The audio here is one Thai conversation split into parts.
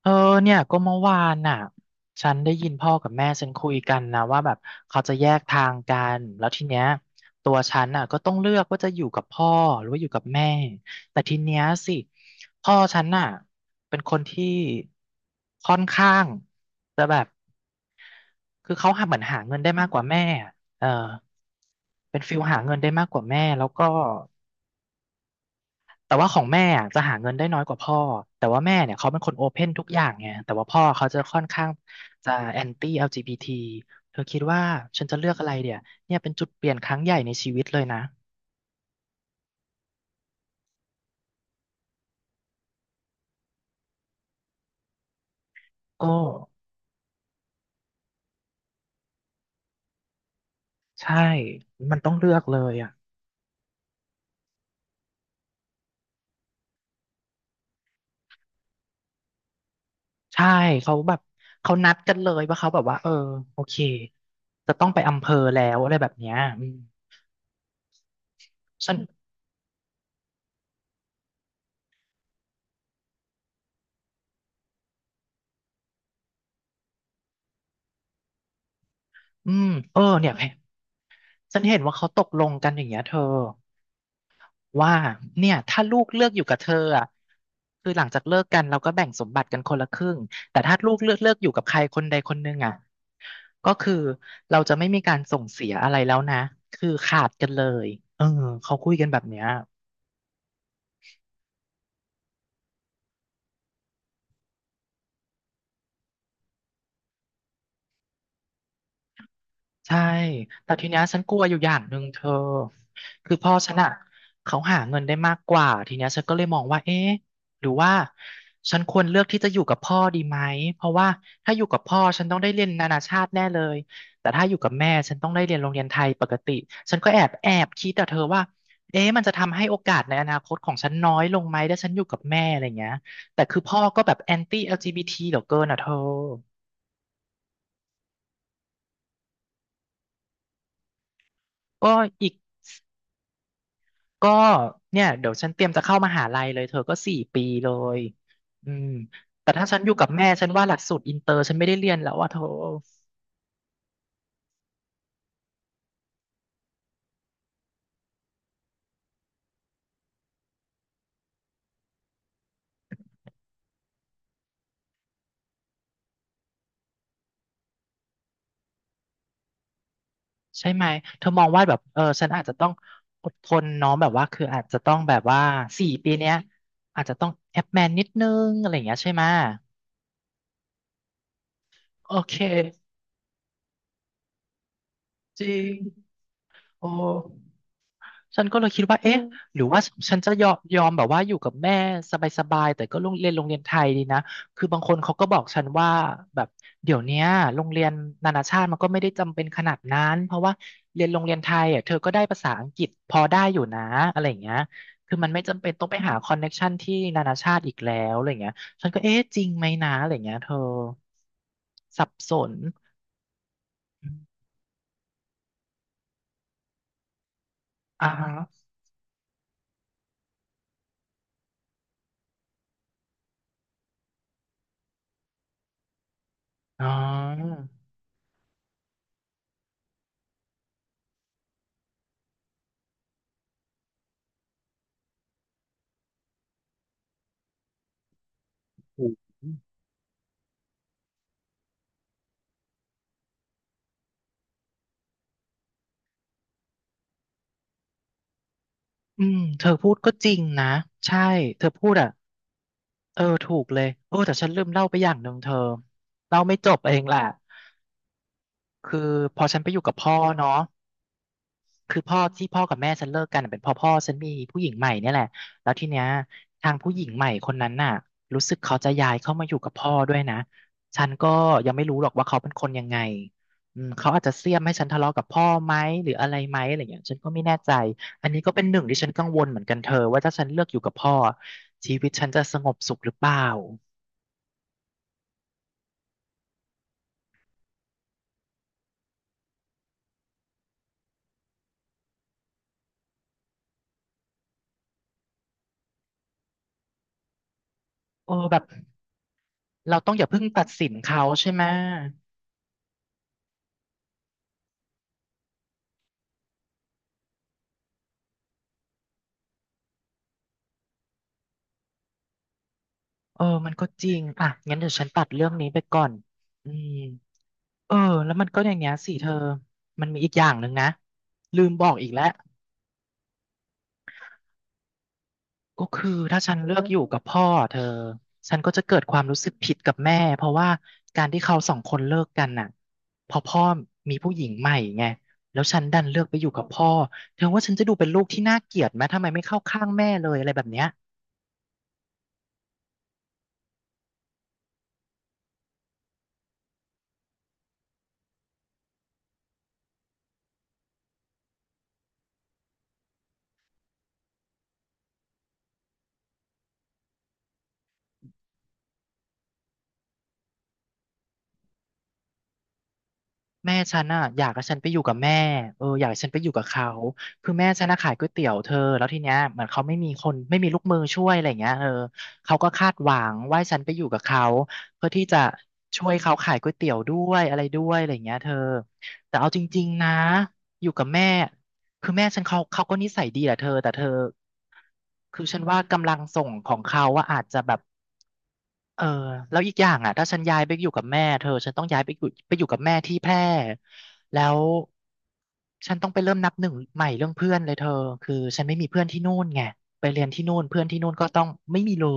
เออเนี่ยก็เมื่อวานน่ะฉันได้ยินพ่อกับแม่ฉันคุยกันนะว่าแบบเขาจะแยกทางกันแล้วทีเนี้ยตัวฉันน่ะก็ต้องเลือกว่าจะอยู่กับพ่อหรือว่าอยู่กับแม่แต่ทีเนี้ยสิพ่อฉันน่ะเป็นคนที่ค่อนข้างจะแบบคือเขาหาเหมือนหาเงินได้มากกว่าแม่อะเออเป็นฟิลหาเงินได้มากกว่าแม่แล้วก็ แต่ว่าของแม่อะจะหาเงินได้น้อยกว่าพ่อแต่ว่าแม่เนี่ยเขาเป็นคนโอเพนทุกอย่างไงแต่ว่าพ่อเขาจะค่อนข้างจะแอนตี้ l ีบีทีเธอคิดว่าฉันจะเลือกอะไรเดี๋ยเนี่ยเป็นจุดเปลี่ยนครั้งใหญ่ในชีวิตเลยนะก็ใช่มันต้องเลือกเลยอ่ะใช่เขาแบบเขานัดกันเลยว่าเขาแบบว่าเออโอเคจะต้องไปอำเภอแล้วอะไรแบบเนี้ยอืมฉันอืมเออเนี่ยฉันเห็นว่าเขาตกลงกันอย่างเงี้ยเธอ ว่าเนี่ยถ้าลูกเลือกอยู่กับเธออ่ะคือหลังจากเลิกกันเราก็แบ่งสมบัติกันคนละครึ่งแต่ถ้าลูกเลือกเลือกอยู่กับใครคนใดคนหนึ่งอ่ะก็คือเราจะไม่มีการส่งเสียอะไรแล้วนะคือขาดกันเลยเออเขาคุยกันแบบเนี้ย ใช่แต่ทีเนี้ยฉันกลัวอยู่อย่างหนึ่งเธอคือพ่อฉันอะเขาหาเงินได้มากกว่าทีเนี้ยฉันก็เลยมองว่าเอ๊ะหรือว่าฉันควรเลือกที่จะอยู่กับพ่อดีไหมเพราะว่าถ้าอยู่กับพ่อฉันต้องได้เรียนนานาชาติแน่เลยแต่ถ้าอยู่กับแม่ฉันต้องได้เรียนโรงเรียนไทยปกติฉันก็แอบแอบคิดแต่เธอว่าเอ๊ะมันจะทำให้โอกาสในอนาคตของฉันน้อยลงไหมถ้าฉันอยู่กับแม่อะไรเงี้ยแต่คือพ่อก็แบบแอนตี้แอลจีบีทีเหลือเกินอ่ะเธอก็อีก ก็เนี่ยเดี๋ยวฉันเตรียมจะเข้ามหาลัยเลยเธอก็สี่ปีเลยอืมแต่ถ้าฉันอยู่กับแม่ฉันว่าหลักสูตรอินเตอร์ฉันไม่ได้เรียนแล้วอ่ะเธอใช่ไหมเธอมองว่าแบบเออฉันอาจจะต้องอดทนเน้องแบบว่าคืออาจจะต้องแบบว่าสี่ปีเนี้ยอาจจะต้องแอปแมนนิดนึงอะไรอย่างเงี้ยใช่ไหมโอเคจริงโอ้ ฉันก็เลยคิดว่าอืเอ๊ะมหรือว่าฉันจะยอมยอมแบบว่าอยู่กับแม่สบายๆแต่ก็โรงเรียนโรงเรียนไทยดีนะคือบางคนเขาก็บอกฉันว่าแบบเดี๋ยวเนี้ยโรงเรียนนานาชาติมันก็ไม่ได้จำเป็นขนาดนั้นเพราะว่าเรียนโรงเรียนไทยอ่ะเธอก็ได้ภาษาอังกฤษพอได้อยู่นะอะไรอย่างเงี้ยคือมันไม่จำเป็นต้องไปหาคอนเน็กชันที่นานาชาติอีกแล้วอะไรอย่างเงี้ยฉันก็เอ๊ะจริงไหมนะอะไรอย่างเงี้ยเธอสับสนอ่าฮะอ๋อ อืมเธอพูดก็จริงนะใช่เธอพูดอ่ะเออถูกเลยโอ้แต่ฉันลืมเล่าไปอย่างหนึ่งเธอเล่าไม่จบเองแหละคือพอฉันไปอยู่กับพ่อเนาะ คือพ่อที่พ่อกับแม่ฉันเลิกกันน่ะเป็นเพ่อพ่อฉันมีผู้หญิงใหม่เนี่ยแหละแล้วทีเนี้ยทางผู้หญิงใหม่คนนั้นน่ะรู้สึกเขาจะย้ายเข้ามาอยู่กับพ่อด้วยนะฉันก็ยังไม่รู้หรอกว่าเขาเป็นคนยังไงอืมเขาอาจจะเสี้ยมให้ฉันทะเลาะกับพ่อไหมหรืออะไรไหมอะไรอย่างเงี้ยฉันก็ไม่แน่ใจอันนี้ก็เป็นหนึ่งที่ฉันกังวลเหมือนกันเธอว่าถ้าฉันเลือกอยู่กับพ่อชีวิตฉันจะสงบสุขหรือเปล่าโอ้แบบเราต้องอย่าเพิ่งตัดสินเขาใช่ไหมเออมันก็จริงอ่ะงั้นเดี๋ยวฉันตัดเรื่องนี้ไปก่อนอืม เออแล้วมันก็อย่างเงี้ยสิเธอมันมีอีกอย่างหนึ่งนะลืมบอกอีกแล้วก็คือถ้าฉันเลือกอยู่กับพ่อเธอฉันก็จะเกิดความรู้สึกผิดกับแม่เพราะว่าการที่เขาสองคนเลิกกันน่ะพอพ่อมีผู้หญิงใหม่ไงแล้วฉันดันเลือกไปอยู่กับพ่อเธอว่าฉันจะดูเป็นลูกที่น่าเกลียดไหมทำไมไม่เข้าข้างแม่เลยอะไรแบบเนี้ย แม่ฉันอ่ะอยากให้ฉันไปอยู่กับแม่เอออยากให้ฉันไปอยู่กับเขา คือแม่ฉันน่ะขายก๋วยเตี๋ยวเธอ แล้วทีเนี้ยเหมือนเขาไม่มีคนไม่มีลูกมือช่วยอะไรเงี้ยเขาก็คาดหวังว่าให้ฉันไปอยู่กับเขาเพื่อที่จะช่วยเขาขายก๋วยเตี๋ยวด้วยอะไรด้วยอะไรเงี้ยเธอแต่เอาจริงๆนะอยู่กับแม่คือแม่ฉันเขาก็นิสัยดีแหละเธอแต่เธอคือฉันว่ากำลังส่งของเขาว่าอะอาจจะแบบ เออแล้วอีกอย่างอ่ะถ้าฉันย้ายไปอยู่กับแม่เธอฉันต้องย้ายไปอยู่กับแม่ที่แพร่แล้วฉันต้องไปเริ่มนับหนึ่งใหม่เรื่องเพื่อนเลยเธอคือฉันไม่มีเพื่อนที่นู่นไงไปเล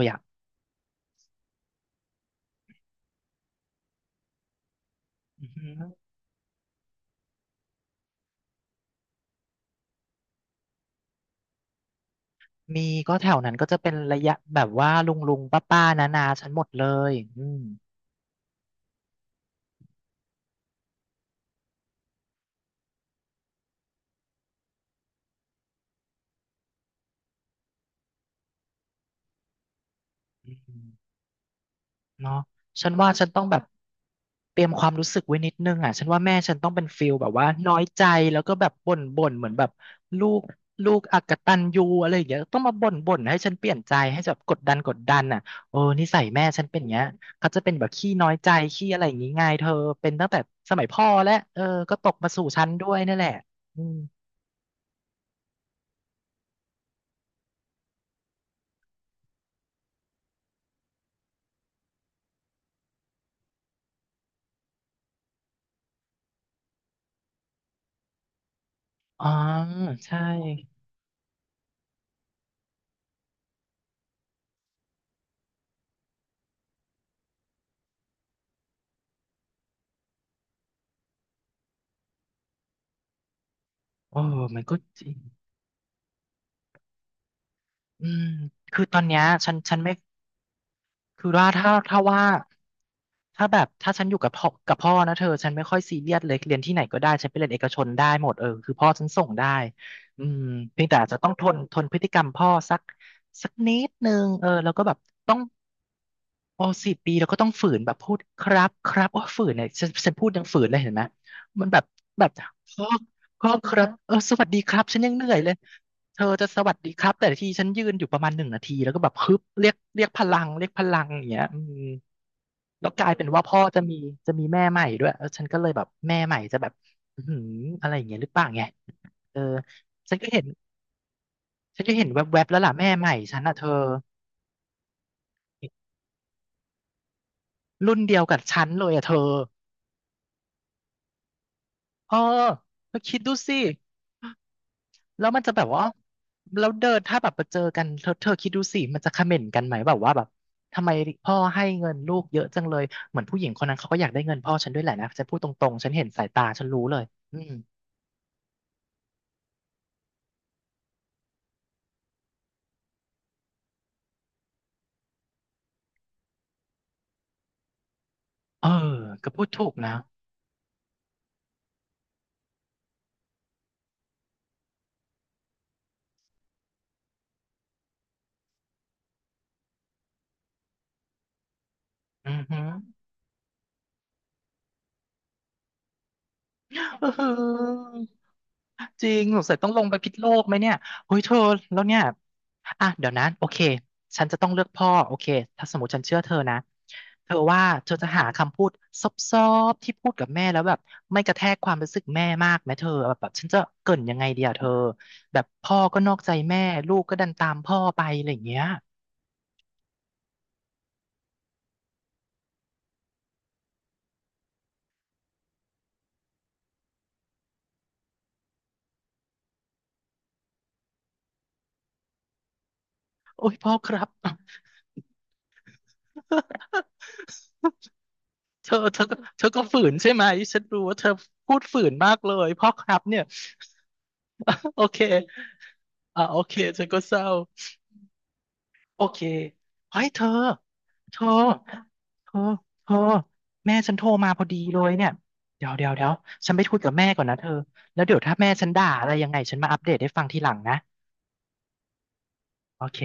ยอ่ะอือหือมีก็แถวนั้นก็จะเป็นระยะแบบว่าลุงลุงป้าป้านานาๆฉันหมดเลยอืมอืม เนาะฉันว่าฉันต้องแบบเตรียมความรู้สึกไว้นิดนึงอ่ะฉันว่าแม่ฉันต้องเป็นฟิลแบบว่าน้อยใจแล้วก็แบบบ่นบ่นเหมือนแบบลูกลูกอกตัญญูอะไรอย่างเงี้ยต้องมาบ่นบ่นให้ฉันเปลี่ยนใจให้แบบกดดันกดดันอ่ะโอ้นิสัยแม่ฉันเป็นอย่างเงี้ยเขาจะเป็นแบบขี้น้อยใจขี้อะไรอย่างงี้ไงเธอเป็นตั้งแต่สมัยพ่อและก็ตกมาสู่ฉันด้วยนั่นแหละอืมอ๋อใช่โอ้มันก็จริงอืมคือตอนเนี้ยฉันไม่คือว่าถ้าว่า ถ้าแบบถ้าฉันอยู่กับพ่อนะเธอฉันไม่ค่อยซีเรียสเลยเรียนที่ไหนก็ได้ฉันไปเรียนเอกชนได้หมดคือพ่อฉันส่งได้อืมเพียงแต่อาจจะต้องทนพฤติกรรมพ่อสักนิดนึงแล้วก็แบบต้องโอ4 ปีแล้วก็ต้องฝืนแบบพูดครับครับโอ้ฝืนเนี่ยฉันพูดยังฝืนเลยเห็นไหมมันแบบแบบพ่อพ่อครับสวัสดีครับฉันยังเหนื่อยเลยเธอจะสวัสดีครับแต่ละทีฉันยืนอยู่ประมาณ1 นาทีแล้วก็แบบฮึบเรียกพลังเรียกพลังอย่างเงี้ยอืม แล้วกลายเป็นว่าพ่อจะมีแม่ใหม่ด้วยฉันก็เลยแบบแม่ใหม่จะแบบอื้อหืออะไรอย่างเงี้ยหรือเปล่าไงเออฉันก็เห็นฉันก็เห็นแวบๆแล้วล่ะแม่ใหม่ฉันอ่ะเธอรุ่นเดียวกับฉันเลยอ่ะเธอเออเธอคิดดูสิแล้วมันจะแบบว่าแล้วเดินถ้าแบบไปเจอกันเธอเธอคิดดูสิมันจะคอมเมนต์กันไหมแบบว่าแบบทำไมพ่อให้เงินลูกเยอะจังเลยเหมือนผู้หญิงคนนั้นเขาก็อยากได้เงินพ่อฉันด้วยแหละนะฉันพูดตรงๆฉันเห็นสายตาฉันรู้เลยอืมเออก็พูดถูกนะอือฮึ เออจริงสงสัยต้องลงไปพิษโลกไหมเนี่ยเฮ้ยเธอแล้วเนี่ยอ่ะเดี๋ยวนะโอเคฉันจะต้องเลือกพ่อโอเคถ้าสมมติฉันเชื่อเธอนะเธอว่าเธอจะหาคำพูดซอบๆที่พูดกับแม่แล้วแบบไม่กระแทกความรู้สึกแม่มากไหมเธอแบบแบบฉันจะเกริ่นยังไงดีอะเธอแบบพ่อก็นอกใจแม่ลูกก็ดันตามพ่อไปอะไรอย่างเงี้ยโอ้ยพ่อครับ เธอก็ฝืนใช่ไหมฉันรู้ว่าเธอพูดฝืนมากเลยพ่อครับเนี่ย โอเคอ่าโอเคฉันก็เศร้าโอเคเฮ้ยเธอเธอเธอเธอแม่ฉันโทรมาพอดีเลยเนี่ยเดี๋ยวเดี๋ยวเดี๋ยวฉันไปคุยกับแม่ก่อนนะเธอแล้วเดี๋ยวถ้าแม่ฉันด่าอะไรยังไงฉันมาอัปเดตให้ฟังทีหลังนะโอเค